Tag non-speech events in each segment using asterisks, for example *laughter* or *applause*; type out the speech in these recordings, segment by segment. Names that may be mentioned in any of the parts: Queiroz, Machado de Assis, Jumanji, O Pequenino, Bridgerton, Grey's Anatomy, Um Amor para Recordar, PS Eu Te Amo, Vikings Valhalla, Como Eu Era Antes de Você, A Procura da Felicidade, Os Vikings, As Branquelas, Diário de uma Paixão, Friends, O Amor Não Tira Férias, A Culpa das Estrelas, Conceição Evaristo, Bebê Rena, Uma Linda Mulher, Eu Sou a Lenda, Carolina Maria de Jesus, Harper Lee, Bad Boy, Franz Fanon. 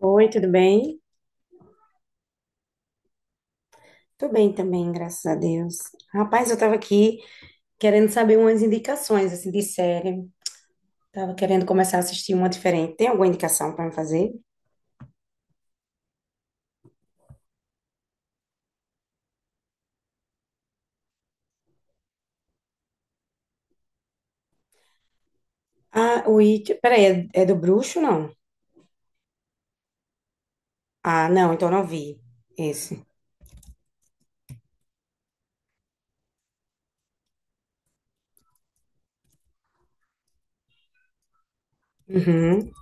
Oi, tudo bem? Tô bem também, graças a Deus. Rapaz, eu tava aqui querendo saber umas indicações, assim, de série. Tava querendo começar a assistir uma diferente. Tem alguma indicação pra me fazer? Ah, o It... Peraí, é do Bruxo, não? Ah, não, então não vi esse. Uhum,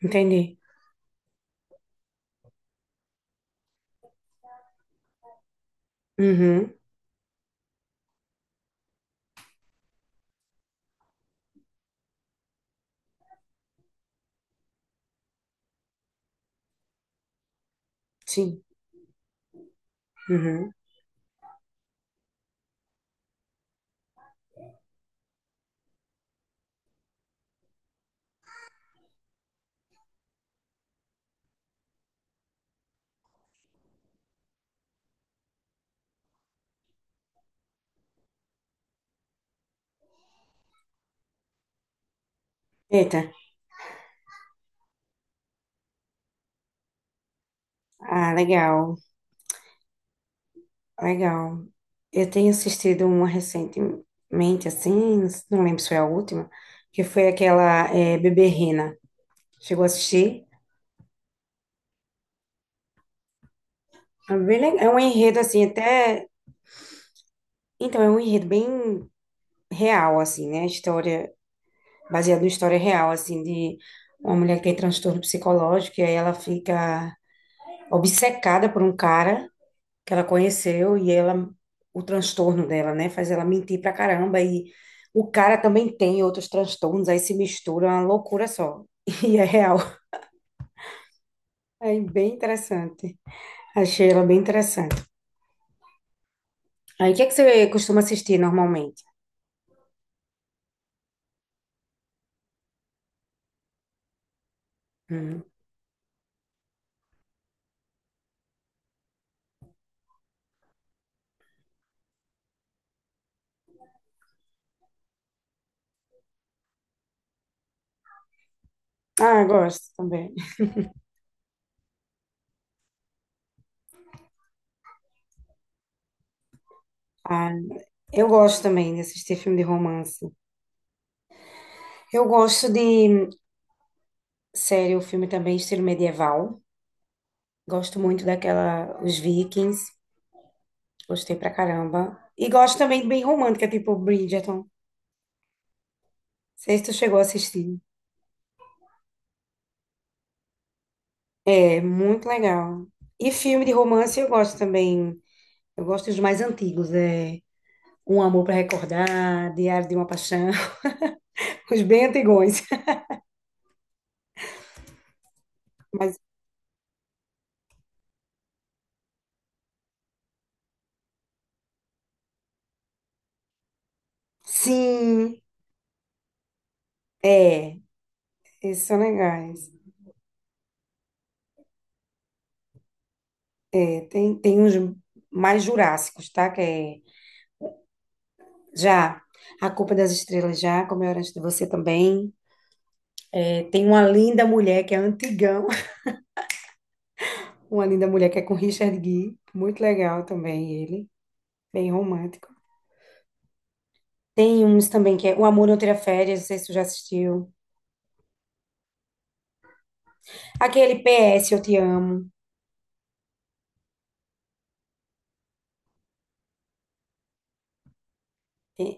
entendi. Uhum, sim. Uhum. Eita. Ah, legal, legal. Eu tenho assistido uma recentemente, assim, não lembro se foi a última, que foi aquela Bebê Rena. Chegou a assistir? É um enredo assim, até. Então, é um enredo bem real, assim, né? História, baseado em história real, assim, de uma mulher que tem transtorno psicológico, e aí ela fica obcecada por um cara que ela conheceu, e ela, o transtorno dela, né, faz ela mentir pra caramba, e o cara também tem outros transtornos, aí se mistura, é uma loucura só. *laughs* E é real. É bem interessante. Achei ela bem interessante. Aí, o que é que você costuma assistir normalmente? Hum. Ah, eu gosto também. Ah, eu gosto também de assistir filme de romance. Eu gosto de série ou filme também estilo medieval. Gosto muito daquela Os Vikings. Gostei pra caramba. E gosto também de bem romântica, tipo Bridgerton. Não sei se tu chegou a assistir. É muito legal. E filme de romance eu gosto também. Eu gosto dos mais antigos, Um Amor para Recordar, Diário de uma Paixão, *laughs* os bem antigões. *laughs* Mas sim, é, esses são legais. Tem uns mais jurássicos, tá? Que é já A Culpa das Estrelas, já, Como Eu Era Antes de Você também. É, tem uma linda mulher que é antigão, *laughs* uma linda mulher que é com Richard Gere, muito legal também ele, bem romântico. Tem uns também que é O Amor Não Tira Férias, não sei se tu já assistiu. Aquele PS Eu Te Amo. É,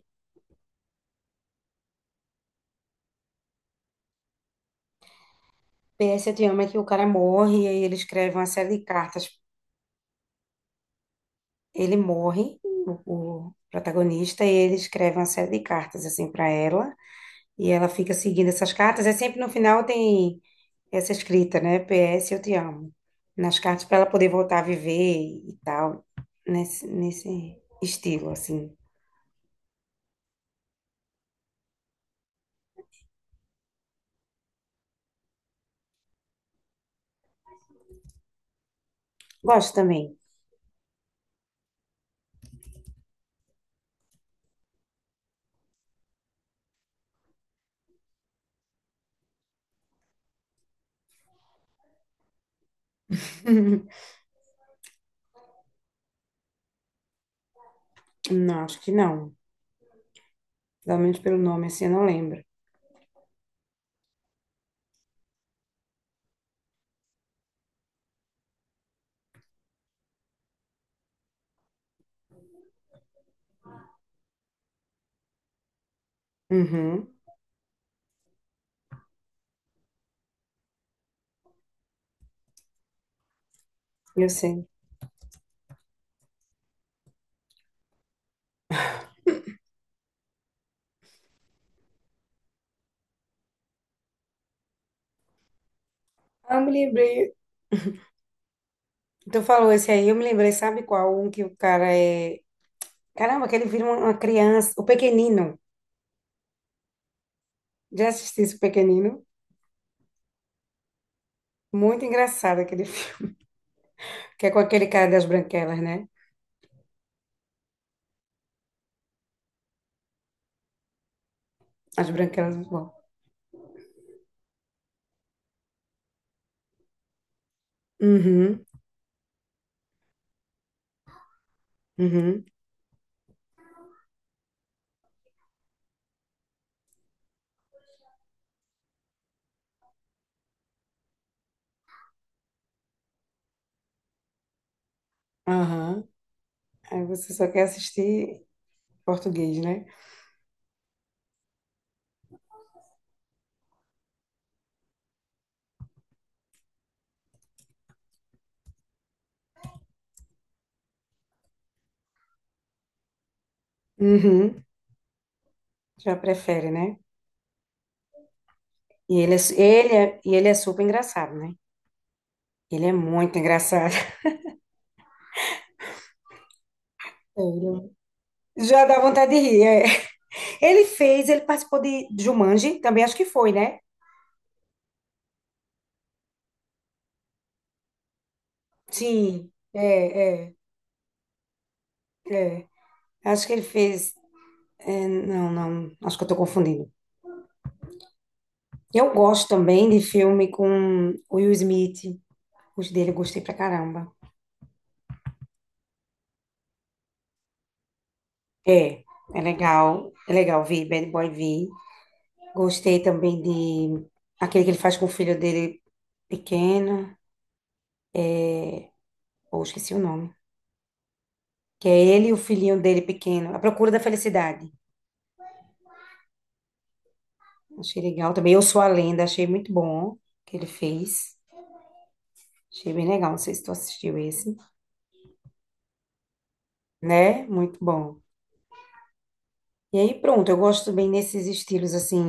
PS Eu Te Amo é que o cara morre e aí ele escreve uma série de cartas. Ele morre, o protagonista, e ele escreve uma série de cartas assim para ela. E ela fica seguindo essas cartas. É sempre no final tem essa escrita, né? PS, eu te amo. Nas cartas para ela poder voltar a viver e tal. Nesse estilo, assim. Gosto também. *laughs* Não, acho que não. Pelo menos pelo nome, assim, eu não lembro. Uhum, eu sei. Ah, eu me lembrei. Tu falou esse aí, eu me lembrei, sabe qual? Um que o cara é. Caramba, que ele vira uma criança. O Pequenino. Já assisti esse Pequenino? Muito engraçado aquele *laughs* filme. Que é com aquele cara das branquelas, né? As branquelas, é muito bom. Uhum, uhum, aham. Aí você só quer assistir português, né? Uhum, já prefere, né? E ele é, ele é, e ele é super engraçado, né? Ele é muito engraçado. *laughs* Ele- Já dá vontade de rir. É. Ele fez, ele participou de Jumanji, também acho que foi, né? Sim, é, é, é. Acho que ele fez. É, não, não, acho que eu tô confundindo. Eu gosto também de filme com o Will Smith. Os dele eu gostei pra caramba. É, é legal. É legal vi Bad Boy vi Gostei também de aquele que ele faz com o filho dele pequeno. Ou esqueci o nome. Que é ele e o filhinho dele pequeno. A Procura da Felicidade. Achei legal também. Eu Sou a Lenda, achei muito bom que ele fez. Achei bem legal. Não sei se tu assistiu esse, né? Muito bom. E aí, pronto, eu gosto bem nesses estilos, assim,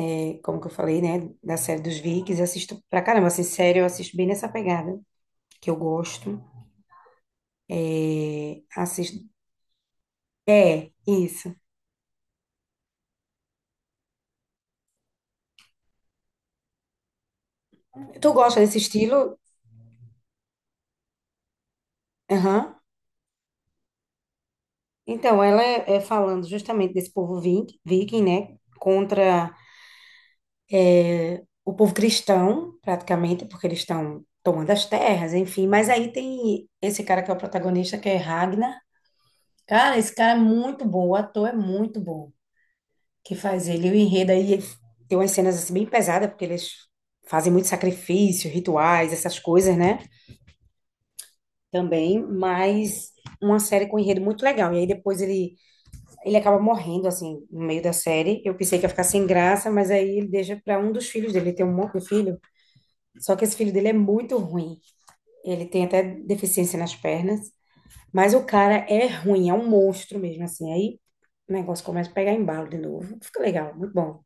é, como que eu falei, né? Da série dos Vikings, assisto pra caramba, assim, sério, eu assisto bem nessa pegada, que eu gosto. Assisto É, isso. Tu gosta desse estilo? Aham. Então, ela é, é falando justamente desse povo viking, né? Contra o povo cristão, praticamente, porque eles estão tomando as terras, enfim. Mas aí tem esse cara que é o protagonista, que é Ragnar. Cara, esse cara é muito bom, o ator é muito bom que faz ele. E o enredo aí ele tem umas cenas assim bem pesadas, porque eles fazem muito sacrifício, rituais, essas coisas, né? Também, mas uma série com enredo muito legal. E aí depois ele Ele acaba morrendo, assim, no meio da série. Eu pensei que ia ficar sem graça, mas aí ele deixa para um dos filhos dele. Ele tem um monte de filho, só que esse filho dele é muito ruim. Ele tem até deficiência nas pernas, mas o cara é ruim, é um monstro mesmo, assim. Aí o negócio começa a pegar embalo de novo. Fica legal, muito bom.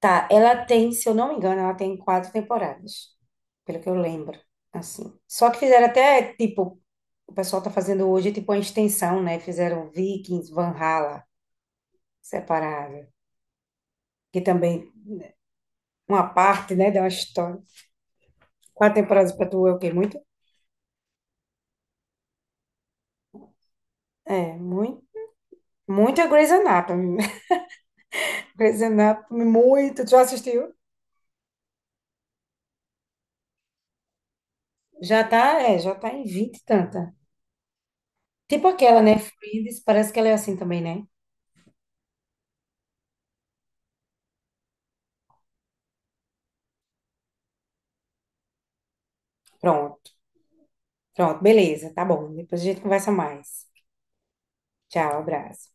Tá, ela tem, se eu não me engano, ela tem 4 temporadas, pelo que eu lembro, assim. Só que fizeram até, tipo, o pessoal tá fazendo hoje, tipo, uma extensão, né? Fizeram Vikings, Valhalla, separado, que também uma parte, né, de uma história. Quatro temporadas pra tu é o quê? Muito? É, muito. Muito é Grey's Anatomy. *laughs* Grey's Anatomy, muito. Tu já assistiu? Já tá, é, já tá em 20 e tanta. Tipo aquela, né, Friends, parece que ela é assim também, né? Pronto, pronto, beleza, tá bom. Depois a gente conversa mais. Tchau, abraço.